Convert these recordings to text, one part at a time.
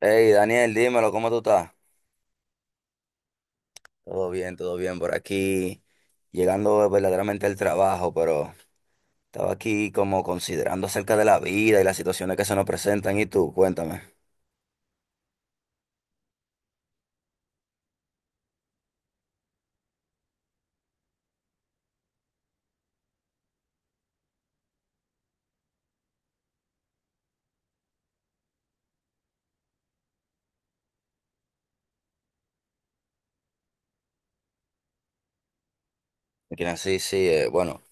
Hey, Daniel, dímelo, ¿cómo tú estás? Todo bien por aquí, llegando verdaderamente al trabajo, pero estaba aquí como considerando acerca de la vida y las situaciones que se nos presentan. ¿Y tú? Cuéntame. Mira, sí, sí, bueno,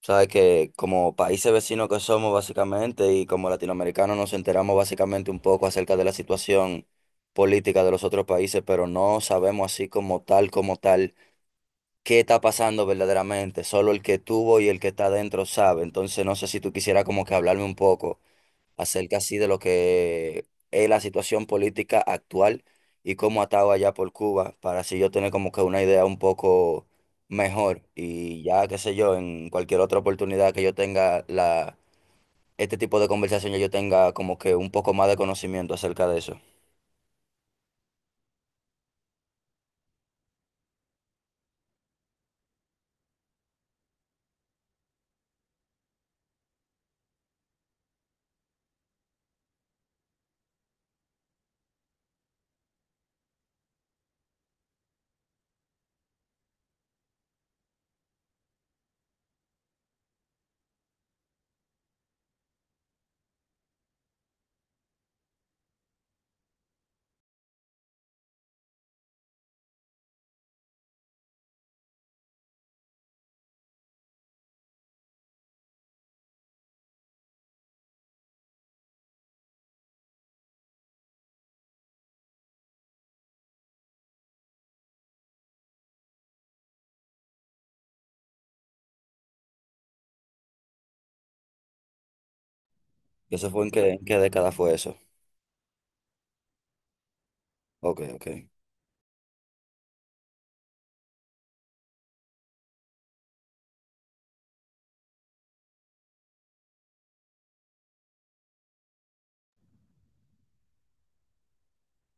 sabes que como países vecinos que somos básicamente y como latinoamericanos nos enteramos básicamente un poco acerca de la situación política de los otros países, pero no sabemos así como tal, como tal qué está pasando verdaderamente. Solo el que tuvo y el que está adentro sabe. Entonces, no sé si tú quisieras como que hablarme un poco acerca así de lo que es la situación política actual y cómo ha estado allá por Cuba, para así yo tener como que una idea un poco mejor. Y ya, qué sé yo, en cualquier otra oportunidad que yo tenga la, este tipo de conversación, ya yo tenga como que un poco más de conocimiento acerca de eso. ¿Eso fue en qué década fue eso? Ok, ok.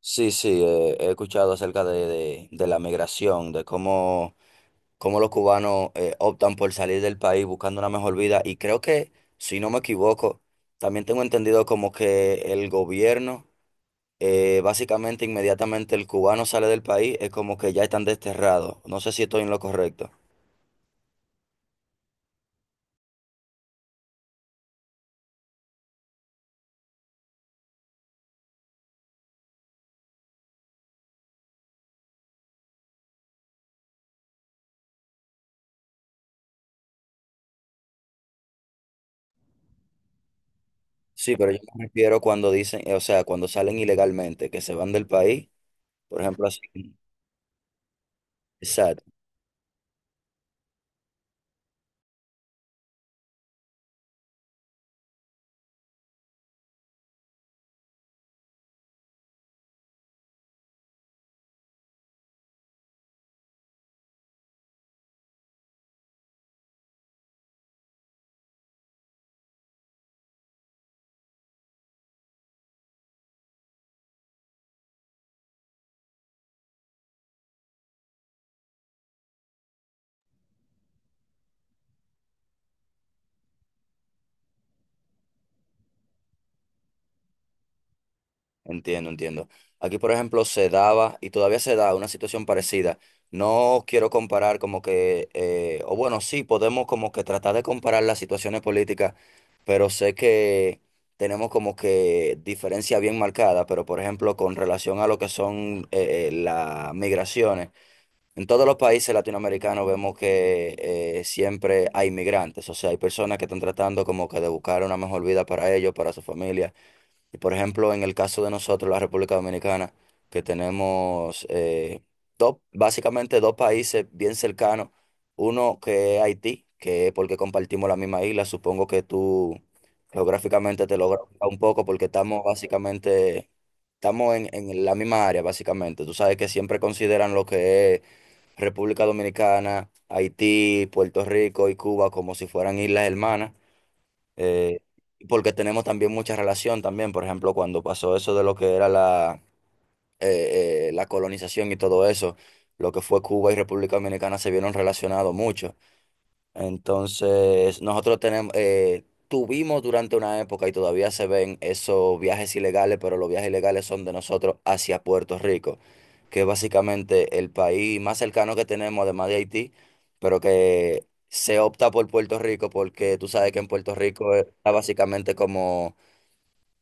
Sí, sí, he escuchado acerca de, de la migración, de cómo, cómo los cubanos optan por salir del país buscando una mejor vida y creo que, si no me equivoco, también tengo entendido como que el gobierno, básicamente inmediatamente el cubano sale del país, es como que ya están desterrados. No sé si estoy en lo correcto. Sí, pero yo me refiero cuando dicen, o sea, cuando salen ilegalmente, que se van del país, por ejemplo, así. Exacto. Entiendo, entiendo. Aquí, por ejemplo, se daba y todavía se da una situación parecida. No quiero comparar como que, o bueno, sí, podemos como que tratar de comparar las situaciones políticas, pero sé que tenemos como que diferencia bien marcada, pero por ejemplo, con relación a lo que son las migraciones, en todos los países latinoamericanos vemos que siempre hay migrantes, o sea, hay personas que están tratando como que de buscar una mejor vida para ellos, para su familia. Y por ejemplo, en el caso de nosotros, la República Dominicana, que tenemos dos, básicamente dos países bien cercanos, uno que es Haití, que es porque compartimos la misma isla, supongo que tú geográficamente te logras un poco porque estamos básicamente, estamos en la misma área básicamente. Tú sabes que siempre consideran lo que es República Dominicana, Haití, Puerto Rico y Cuba como si fueran islas hermanas. Eh, porque tenemos también mucha relación también, por ejemplo, cuando pasó eso de lo que era la, la colonización y todo eso, lo que fue Cuba y República Dominicana se vieron relacionados mucho. Entonces, nosotros tenemos, tuvimos durante una época y todavía se ven esos viajes ilegales, pero los viajes ilegales son de nosotros hacia Puerto Rico, que es básicamente el país más cercano que tenemos, además de Haití, pero que se opta por Puerto Rico porque tú sabes que en Puerto Rico está básicamente como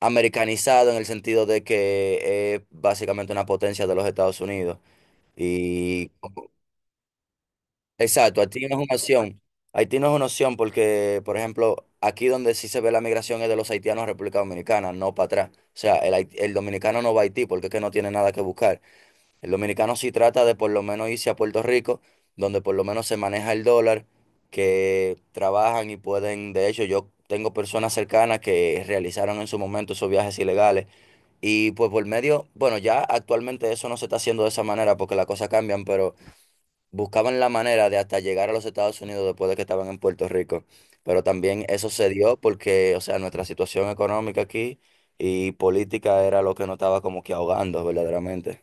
americanizado en el sentido de que es básicamente una potencia de los Estados Unidos. Y exacto, Haití no es una opción. Haití no es una opción porque, por ejemplo, aquí donde sí se ve la migración es de los haitianos a República Dominicana, no para atrás. O sea, el, el dominicano no va a Haití porque es que no tiene nada que buscar. El dominicano sí trata de por lo menos irse a Puerto Rico, donde por lo menos se maneja el dólar, que trabajan y pueden, de hecho, yo tengo personas cercanas que realizaron en su momento esos viajes ilegales. Y pues por medio, bueno, ya actualmente eso no se está haciendo de esa manera porque las cosas cambian, pero buscaban la manera de hasta llegar a los Estados Unidos después de que estaban en Puerto Rico. Pero también eso se dio porque, o sea, nuestra situación económica aquí y política era lo que nos estaba como que ahogando verdaderamente.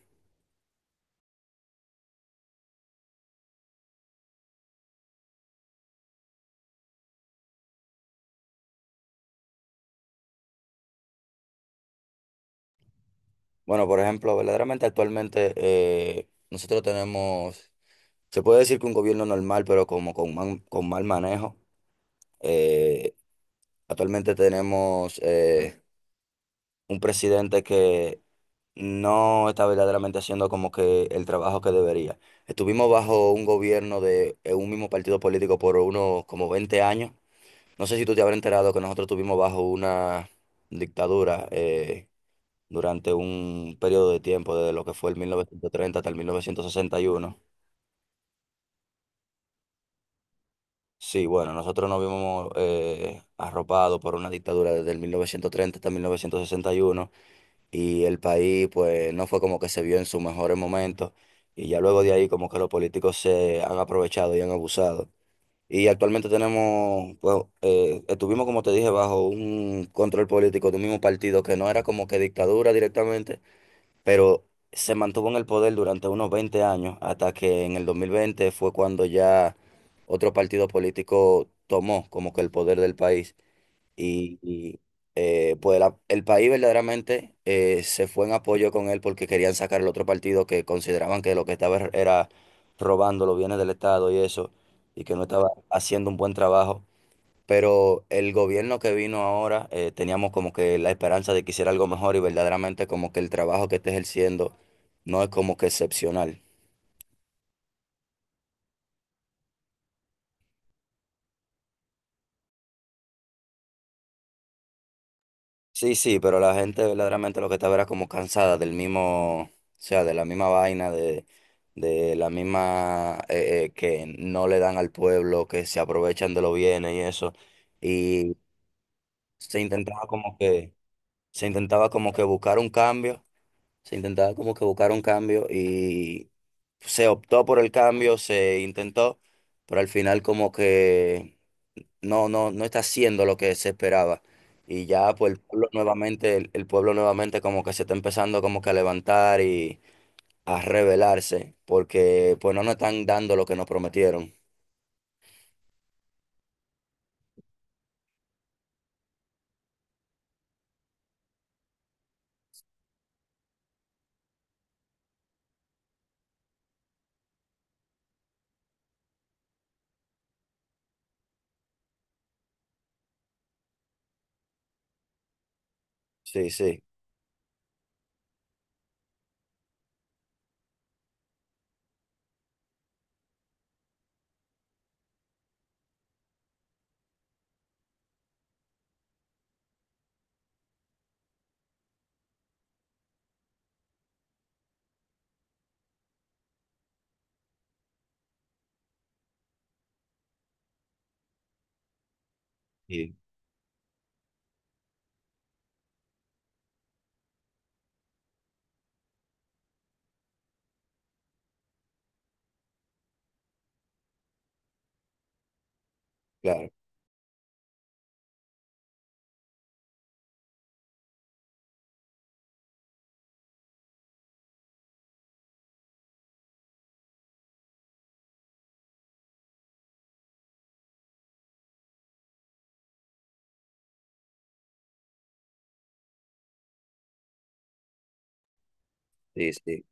Bueno, por ejemplo, verdaderamente actualmente nosotros tenemos, se puede decir que un gobierno normal, pero como con, con mal manejo. Eh, actualmente tenemos un presidente que no está verdaderamente haciendo como que el trabajo que debería. Estuvimos bajo un gobierno de un mismo partido político por unos como 20 años. No sé si tú te habrás enterado que nosotros estuvimos bajo una dictadura durante un periodo de tiempo, desde lo que fue el 1930 hasta el 1961. Sí, bueno, nosotros nos vimos arropados por una dictadura desde el 1930 hasta 1961, y el país pues no fue como que se vio en sus mejores momentos y ya luego de ahí como que los políticos se han aprovechado y han abusado. Y actualmente tenemos, pues, estuvimos como te dije, bajo un control político de un mismo partido que no era como que dictadura directamente, pero se mantuvo en el poder durante unos 20 años hasta que en el 2020 fue cuando ya otro partido político tomó como que el poder del país y, y, pues el país verdaderamente se fue en apoyo con él porque querían sacar el otro partido que consideraban que lo que estaba era robando los bienes del Estado y eso, y que no estaba haciendo un buen trabajo. Pero el gobierno que vino ahora, teníamos como que la esperanza de que hiciera algo mejor y verdaderamente como que el trabajo que está ejerciendo no es como que excepcional. Sí, sí, pero la gente verdaderamente lo que estaba era como cansada del mismo, o sea, de la misma vaina, de la misma que no le dan al pueblo, que se aprovechan de los bienes y eso. Y se intentaba como que, se intentaba como que buscar un cambio, se intentaba como que buscar un cambio y se optó por el cambio, se intentó, pero al final como que no, no, no está haciendo lo que se esperaba. Y ya pues el pueblo nuevamente, el pueblo nuevamente como que se está empezando como que a levantar y a rebelarse, porque pues no nos están dando lo que nos prometieron. Sí, sí, sí, claro, sí, sí.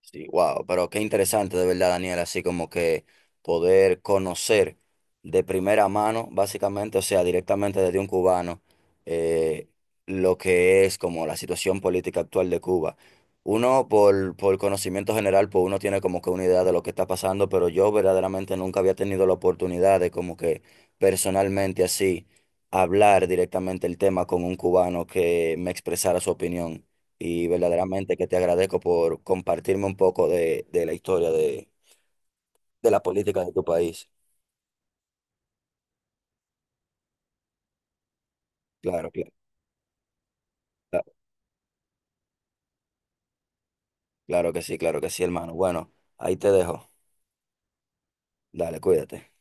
Sí, wow, pero qué interesante de verdad, Daniel, así como que poder conocer de primera mano, básicamente, o sea, directamente desde un cubano, eh, lo que es como la situación política actual de Cuba. Uno, por conocimiento general, pues uno tiene como que una idea de lo que está pasando, pero yo verdaderamente nunca había tenido la oportunidad de como que personalmente así hablar directamente el tema con un cubano que me expresara su opinión y verdaderamente que te agradezco por compartirme un poco de la historia de la política de tu país. Claro, claro, claro que sí, hermano. Bueno, ahí te dejo. Dale, cuídate.